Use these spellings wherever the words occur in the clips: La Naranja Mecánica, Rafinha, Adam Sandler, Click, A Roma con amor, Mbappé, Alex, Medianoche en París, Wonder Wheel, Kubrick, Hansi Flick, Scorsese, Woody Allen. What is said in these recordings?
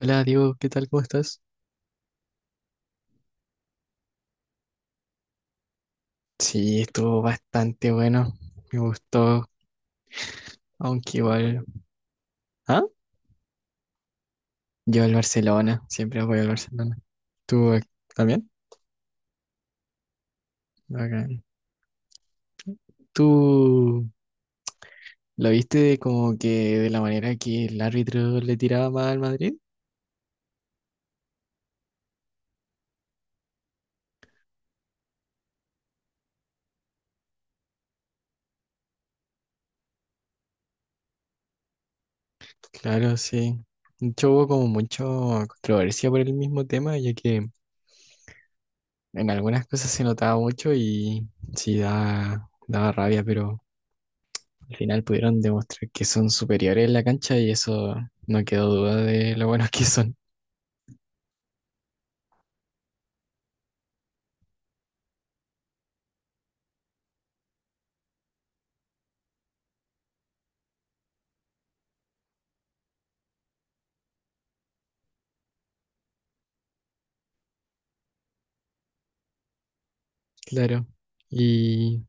Hola Diego, ¿qué tal? ¿Cómo estás? Sí, estuvo bastante bueno, me gustó, aunque igual. ¿Ah? Yo al Barcelona, siempre voy al Barcelona. ¿Tú también? Bacán. ¿Tú lo viste como que de la manera que el árbitro le tiraba más al Madrid? Claro, sí. De hecho, hubo como mucha controversia por el mismo tema, ya que en algunas cosas se notaba mucho y sí daba rabia, pero. Al final pudieron demostrar que son superiores en la cancha y eso no quedó duda de lo buenos que son. Claro. Y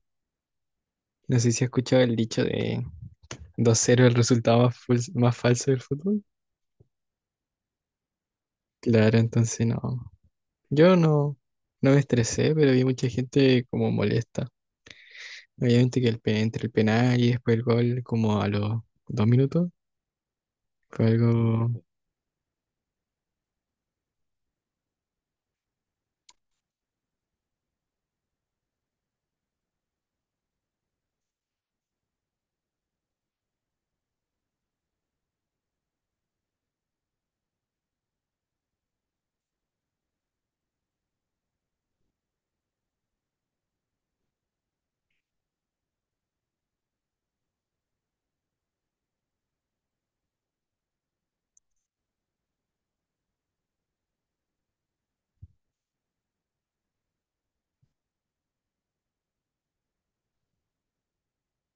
no sé si has escuchado el dicho de 2-0, el resultado más falso del fútbol. Claro, entonces no. Yo no, no me estresé, pero vi mucha gente como molesta. Obviamente que entre el penal y después el gol, como a los 2 minutos, fue algo,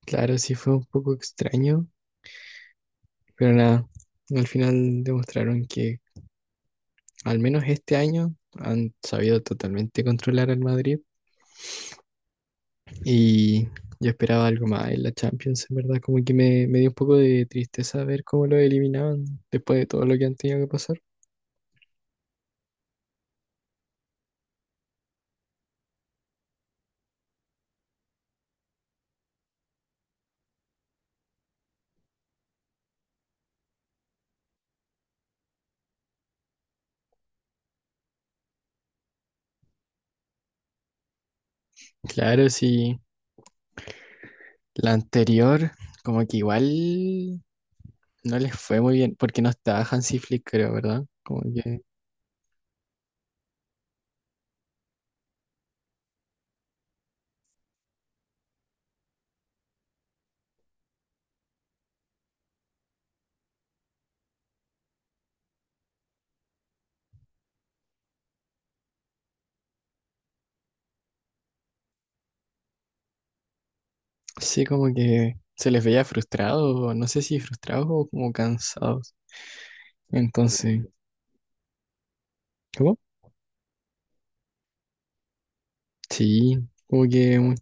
claro, sí fue un poco extraño, pero nada, al final demostraron que al menos este año han sabido totalmente controlar al Madrid y yo esperaba algo más en la Champions, en verdad, como que me dio un poco de tristeza ver cómo lo eliminaban después de todo lo que han tenido que pasar. Claro, sí, la anterior como que igual no les fue muy bien porque no estaba Hansi Flick, creo, ¿verdad? Como que sí, como que se les veía frustrados, no sé si frustrados o como cansados. Entonces, ¿cómo? Sí, como que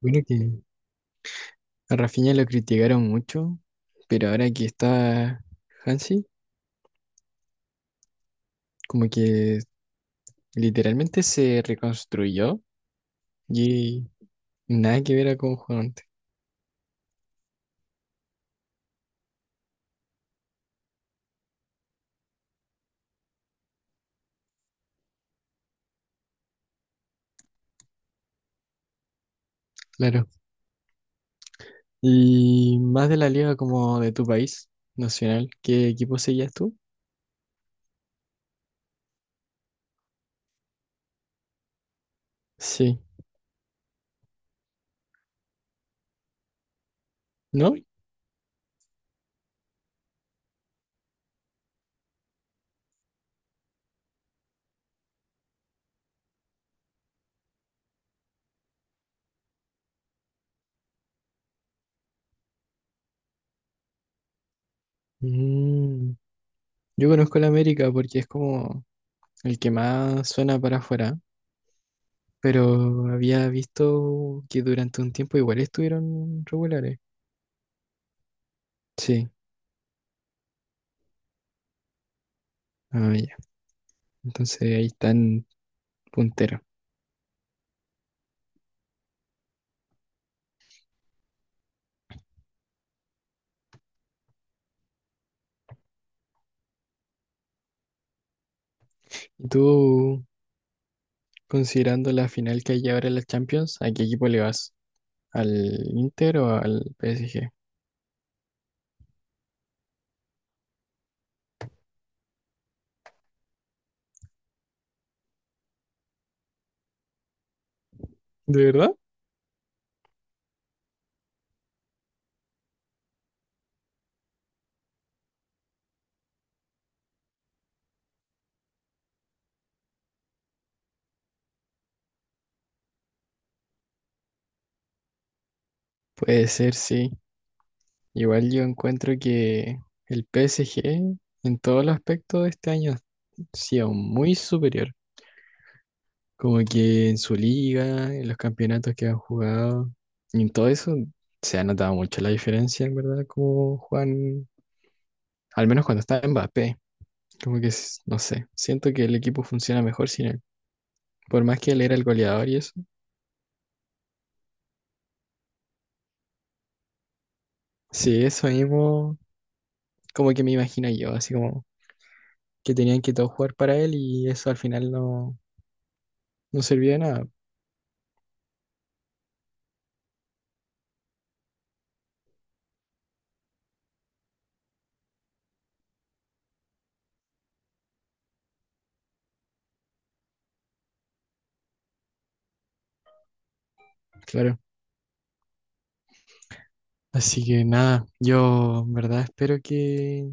bueno que a Rafinha lo criticaron mucho, pero ahora que está Hansi, como que literalmente se reconstruyó y nada que ver a cómo jugaba antes, claro. Y más de la liga como de tu país nacional, ¿qué equipo seguías tú? Sí, ¿no? Mm, yo conozco el América porque es como el que más suena para afuera, pero había visto que durante un tiempo igual estuvieron regulares. Sí, ah, ya. Entonces ahí están punteros. ¿Y tú, considerando la final que hay ahora en la Champions, a qué equipo le vas? ¿Al Inter o al PSG? ¿De verdad? Puede ser, sí. Igual yo encuentro que el PSG en todos los aspectos de este año sí ha sido muy superior. Como que en su liga, en los campeonatos que han jugado, y en todo eso se ha notado mucho la diferencia, en verdad, como Juan, al menos cuando está Mbappé. Como que, no sé, siento que el equipo funciona mejor sin él. Por más que él era el goleador y eso. Sí, eso mismo, como que me imagino yo, así como que tenían que todos jugar para él y eso al final no, no servía de nada, claro. Así que nada, yo en verdad espero que,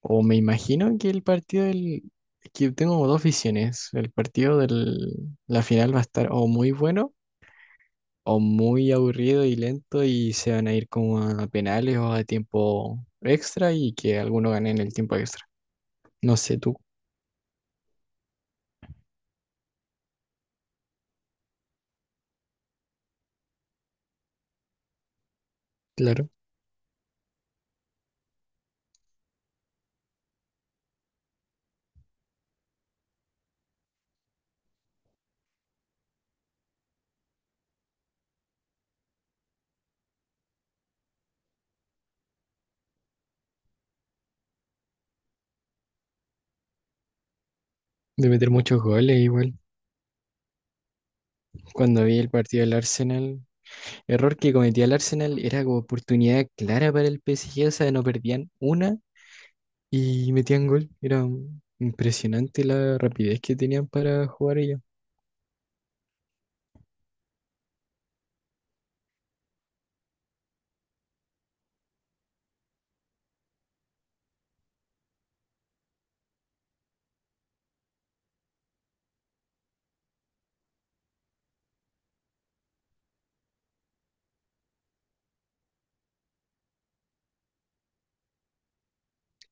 o me imagino que el partido que tengo como dos visiones, el partido de la final va a estar o muy bueno o muy aburrido y lento y se van a ir como a penales o a tiempo extra y que alguno gane en el tiempo extra. No sé tú, claro, de meter muchos goles igual. Cuando vi el partido del Arsenal, error que cometía el Arsenal era como oportunidad clara para el PSG, o sea, no perdían una y metían gol. Era impresionante la rapidez que tenían para jugar ellos.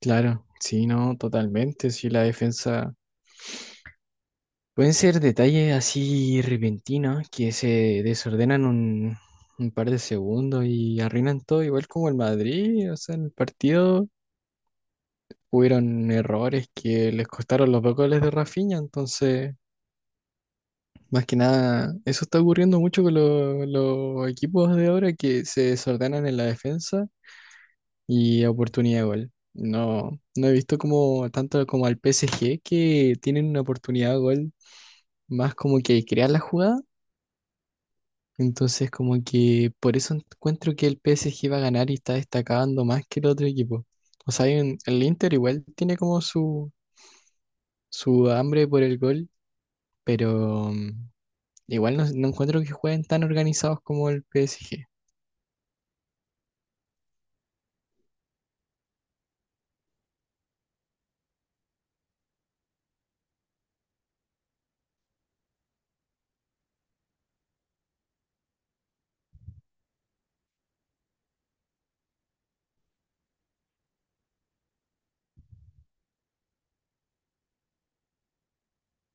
Claro, sí, no, totalmente, sí, la defensa pueden ser detalles así repentinos que se desordenan un par de segundos y arruinan todo, igual como el Madrid, o sea, en el partido hubieron errores que les costaron los 2 goles de Rafinha, entonces, más que nada, eso está ocurriendo mucho con los equipos de ahora que se desordenan en la defensa y oportunidad de gol. No, no he visto como tanto como al PSG que tienen una oportunidad de gol más como que crear la jugada. Entonces, como que por eso encuentro que el PSG va a ganar y está destacando más que el otro equipo. O sea, el Inter igual tiene como su hambre por el gol, pero igual no, no encuentro que jueguen tan organizados como el PSG.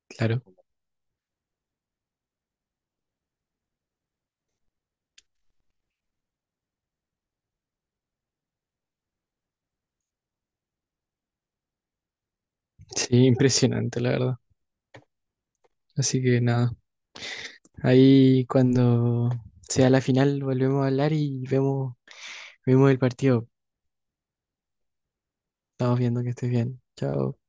Claro. Sí, impresionante, la verdad. Así que nada, ahí cuando sea la final volvemos a hablar y vemos el partido. Estamos viendo que estés bien. Chao.